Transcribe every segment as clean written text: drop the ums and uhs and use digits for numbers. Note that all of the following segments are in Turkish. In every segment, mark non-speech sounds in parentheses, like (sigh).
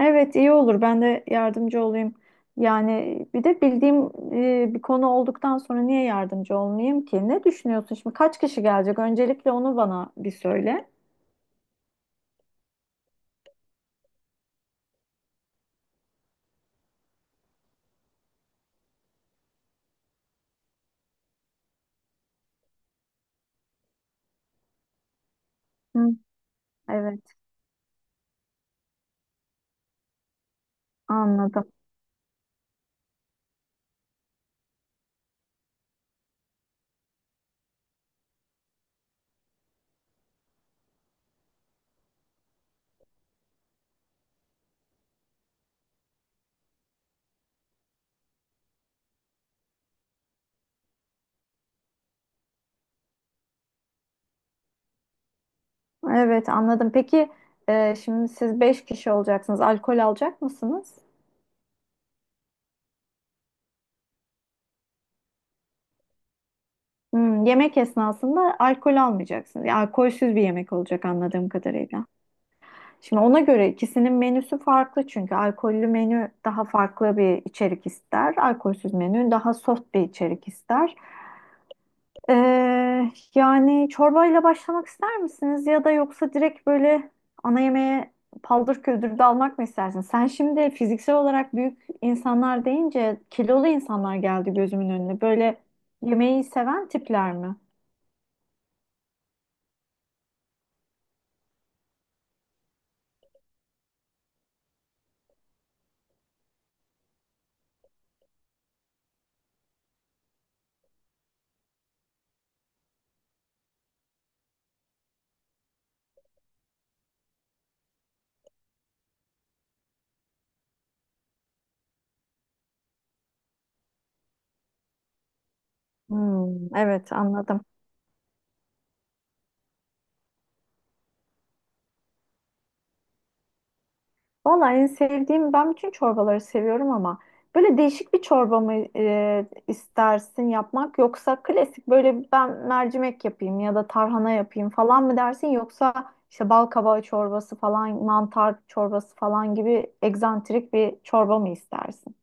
Evet, iyi olur, ben de yardımcı olayım. Yani bir de bildiğim bir konu olduktan sonra niye yardımcı olmayayım ki? Ne düşünüyorsun şimdi? Kaç kişi gelecek? Öncelikle onu bana bir söyle. Hı, evet, anladım. Evet, anladım. Peki şimdi siz 5 kişi olacaksınız. Alkol alacak mısınız? Hmm, yemek esnasında alkol almayacaksın. Yani alkolsüz bir yemek olacak anladığım kadarıyla. Şimdi ona göre ikisinin menüsü farklı çünkü alkollü menü daha farklı bir içerik ister. Alkolsüz menü daha soft bir içerik ister. Ee, Yani çorbayla başlamak ister misiniz ya da yoksa direkt böyle ana yemeğe paldır küldür dalmak mı istersin? Sen şimdi fiziksel olarak büyük insanlar deyince kilolu insanlar geldi gözümün önüne. Böyle yemeği seven tipler mi? Hmm, evet, anladım. Vallahi en sevdiğim, ben bütün çorbaları seviyorum ama böyle değişik bir çorba mı istersin yapmak, yoksa klasik böyle ben mercimek yapayım ya da tarhana yapayım falan mı dersin, yoksa işte bal kabağı çorbası falan, mantar çorbası falan gibi egzantrik bir çorba mı istersin?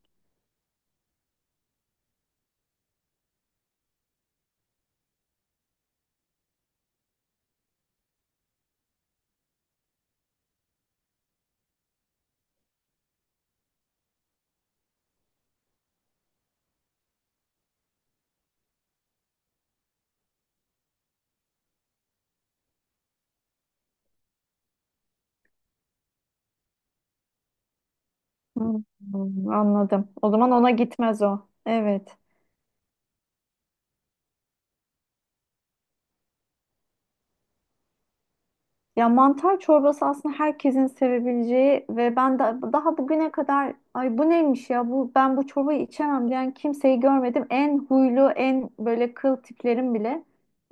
Hmm, anladım. O zaman ona gitmez o. Evet. Ya mantar çorbası aslında herkesin sevebileceği ve ben de daha bugüne kadar ay bu neymiş ya bu ben bu çorbayı içemem diyen kimseyi görmedim. En huylu en böyle kıl tiplerin bile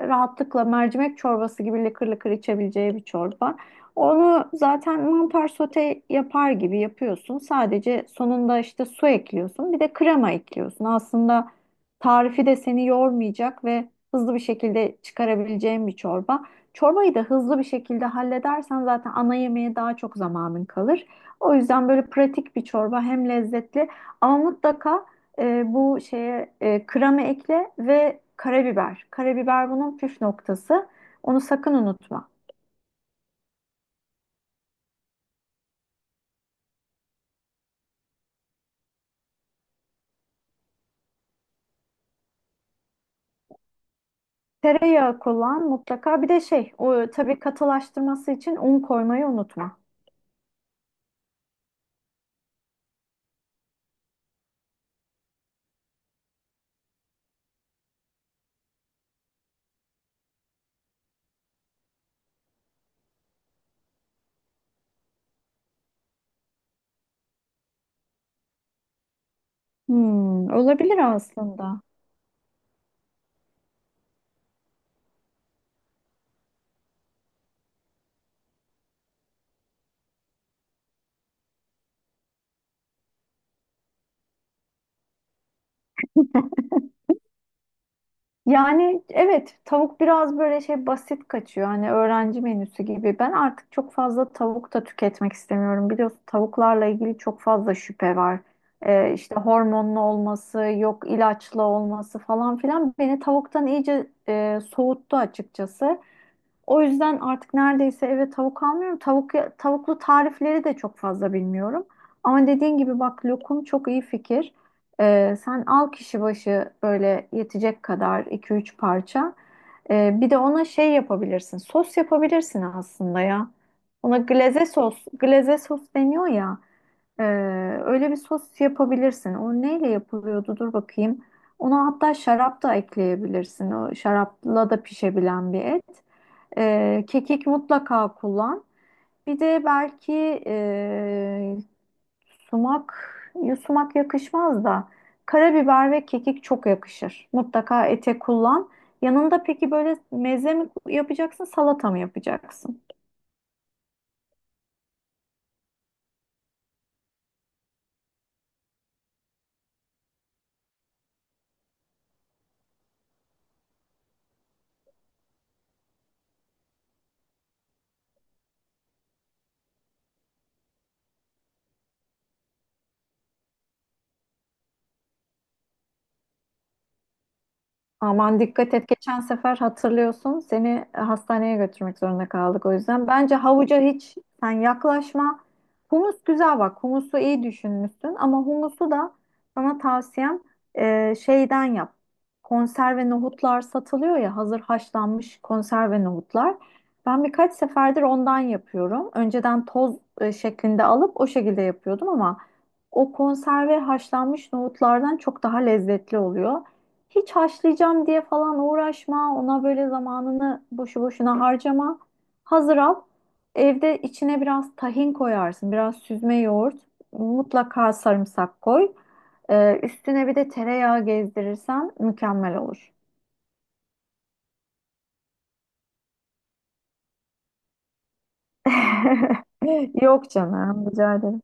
rahatlıkla mercimek çorbası gibi lıkır lıkır içebileceği bir çorba. Onu zaten mantar sote yapar gibi yapıyorsun. Sadece sonunda işte su ekliyorsun. Bir de krema ekliyorsun. Aslında tarifi de seni yormayacak ve hızlı bir şekilde çıkarabileceğin bir çorba. Çorbayı da hızlı bir şekilde halledersen zaten ana yemeğe daha çok zamanın kalır. O yüzden böyle pratik bir çorba, hem lezzetli ama mutlaka bu şeye kremi ekle ve karabiber. Karabiber bunun püf noktası. Onu sakın unutma. Tereyağı kullan mutlaka. Bir de şey, o tabii katılaştırması için un koymayı unutma. Hmm, olabilir aslında. Yani evet, tavuk biraz böyle şey, basit kaçıyor. Hani öğrenci menüsü gibi. Ben artık çok fazla tavuk da tüketmek istemiyorum. Biliyorsun tavuklarla ilgili çok fazla şüphe var. İşte hormonlu olması, yok ilaçlı olması falan filan beni tavuktan iyice soğuttu açıkçası. O yüzden artık neredeyse eve tavuk almıyorum. Tavuklu tarifleri de çok fazla bilmiyorum. Ama dediğin gibi bak, lokum çok iyi fikir. Sen al kişi başı böyle yetecek kadar iki üç parça. Bir de ona şey yapabilirsin. Sos yapabilirsin aslında ya. Ona glaze sos, glaze sos deniyor ya. Ee, Öyle bir sos yapabilirsin. O neyle yapılıyordu? Dur bakayım. Ona hatta şarap da ekleyebilirsin. O şarapla da pişebilen bir et. Kekik mutlaka kullan. Bir de belki e, sumak, ya sumak yakışmaz da karabiber ve kekik çok yakışır. Mutlaka ete kullan. Yanında peki böyle meze mi yapacaksın, salata mı yapacaksın? Aman dikkat et. Geçen sefer hatırlıyorsun seni hastaneye götürmek zorunda kaldık o yüzden. Bence havuca hiç sen yaklaşma. Humus güzel bak. Humusu iyi düşünmüşsün ama humusu da sana tavsiyem şeyden yap. Konserve nohutlar satılıyor ya, hazır haşlanmış konserve nohutlar. Ben birkaç seferdir ondan yapıyorum. Önceden toz şeklinde alıp o şekilde yapıyordum ama o konserve haşlanmış nohutlardan çok daha lezzetli oluyor. Hiç haşlayacağım diye falan uğraşma. Ona böyle zamanını boşu boşuna harcama. Hazır al. Evde içine biraz tahin koyarsın. Biraz süzme yoğurt. Mutlaka sarımsak koy. Üstüne bir de tereyağı gezdirirsen mükemmel olur. (laughs) Yok canım, rica ederim.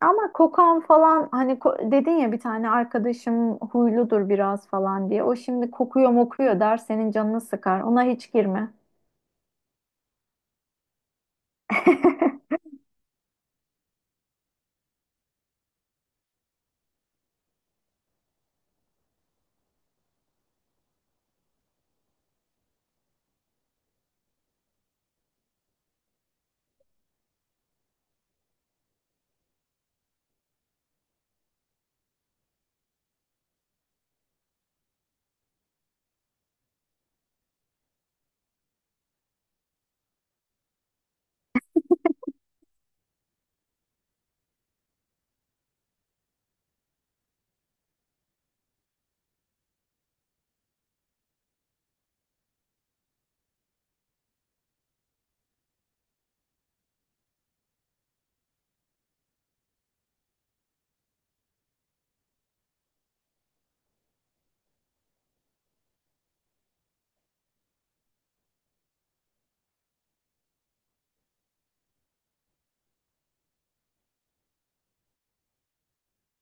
Ama kokan falan, hani dedin ya bir tane arkadaşım huyludur biraz falan diye. O şimdi kokuyor mokuyor der, senin canını sıkar. Ona hiç girme. (laughs)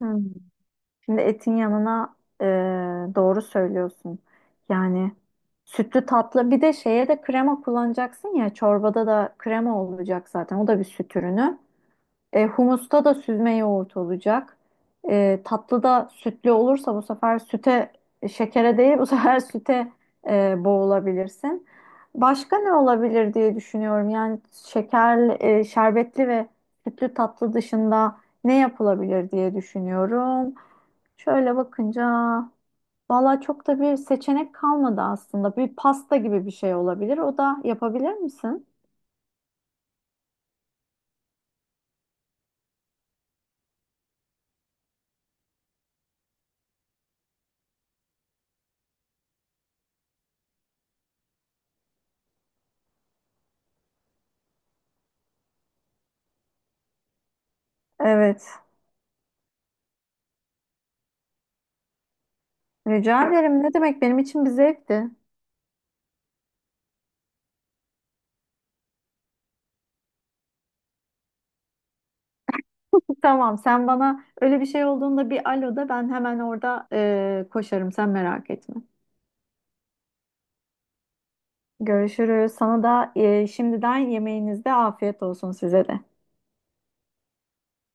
Hı. Şimdi etin yanına e, doğru söylüyorsun. Yani sütlü tatlı, bir de şeye de krema kullanacaksın ya, çorbada da krema olacak zaten, o da bir süt ürünü. E, humusta da süzme yoğurt olacak. E, tatlıda sütlü olursa bu sefer süte, şekere değil bu sefer (laughs) süte boğulabilirsin. Başka ne olabilir diye düşünüyorum. Yani şekerli, şerbetli ve sütlü tatlı dışında ne yapılabilir diye düşünüyorum. Şöyle bakınca valla çok da bir seçenek kalmadı aslında. Bir pasta gibi bir şey olabilir. O da yapabilir misin? Evet. Rica ederim. Ne demek, benim için bir zevkti. (laughs) Tamam, sen bana öyle bir şey olduğunda bir alo da, ben hemen orada koşarım. Sen merak etme. Görüşürüz. Sana da şimdiden yemeğinizde afiyet olsun size de.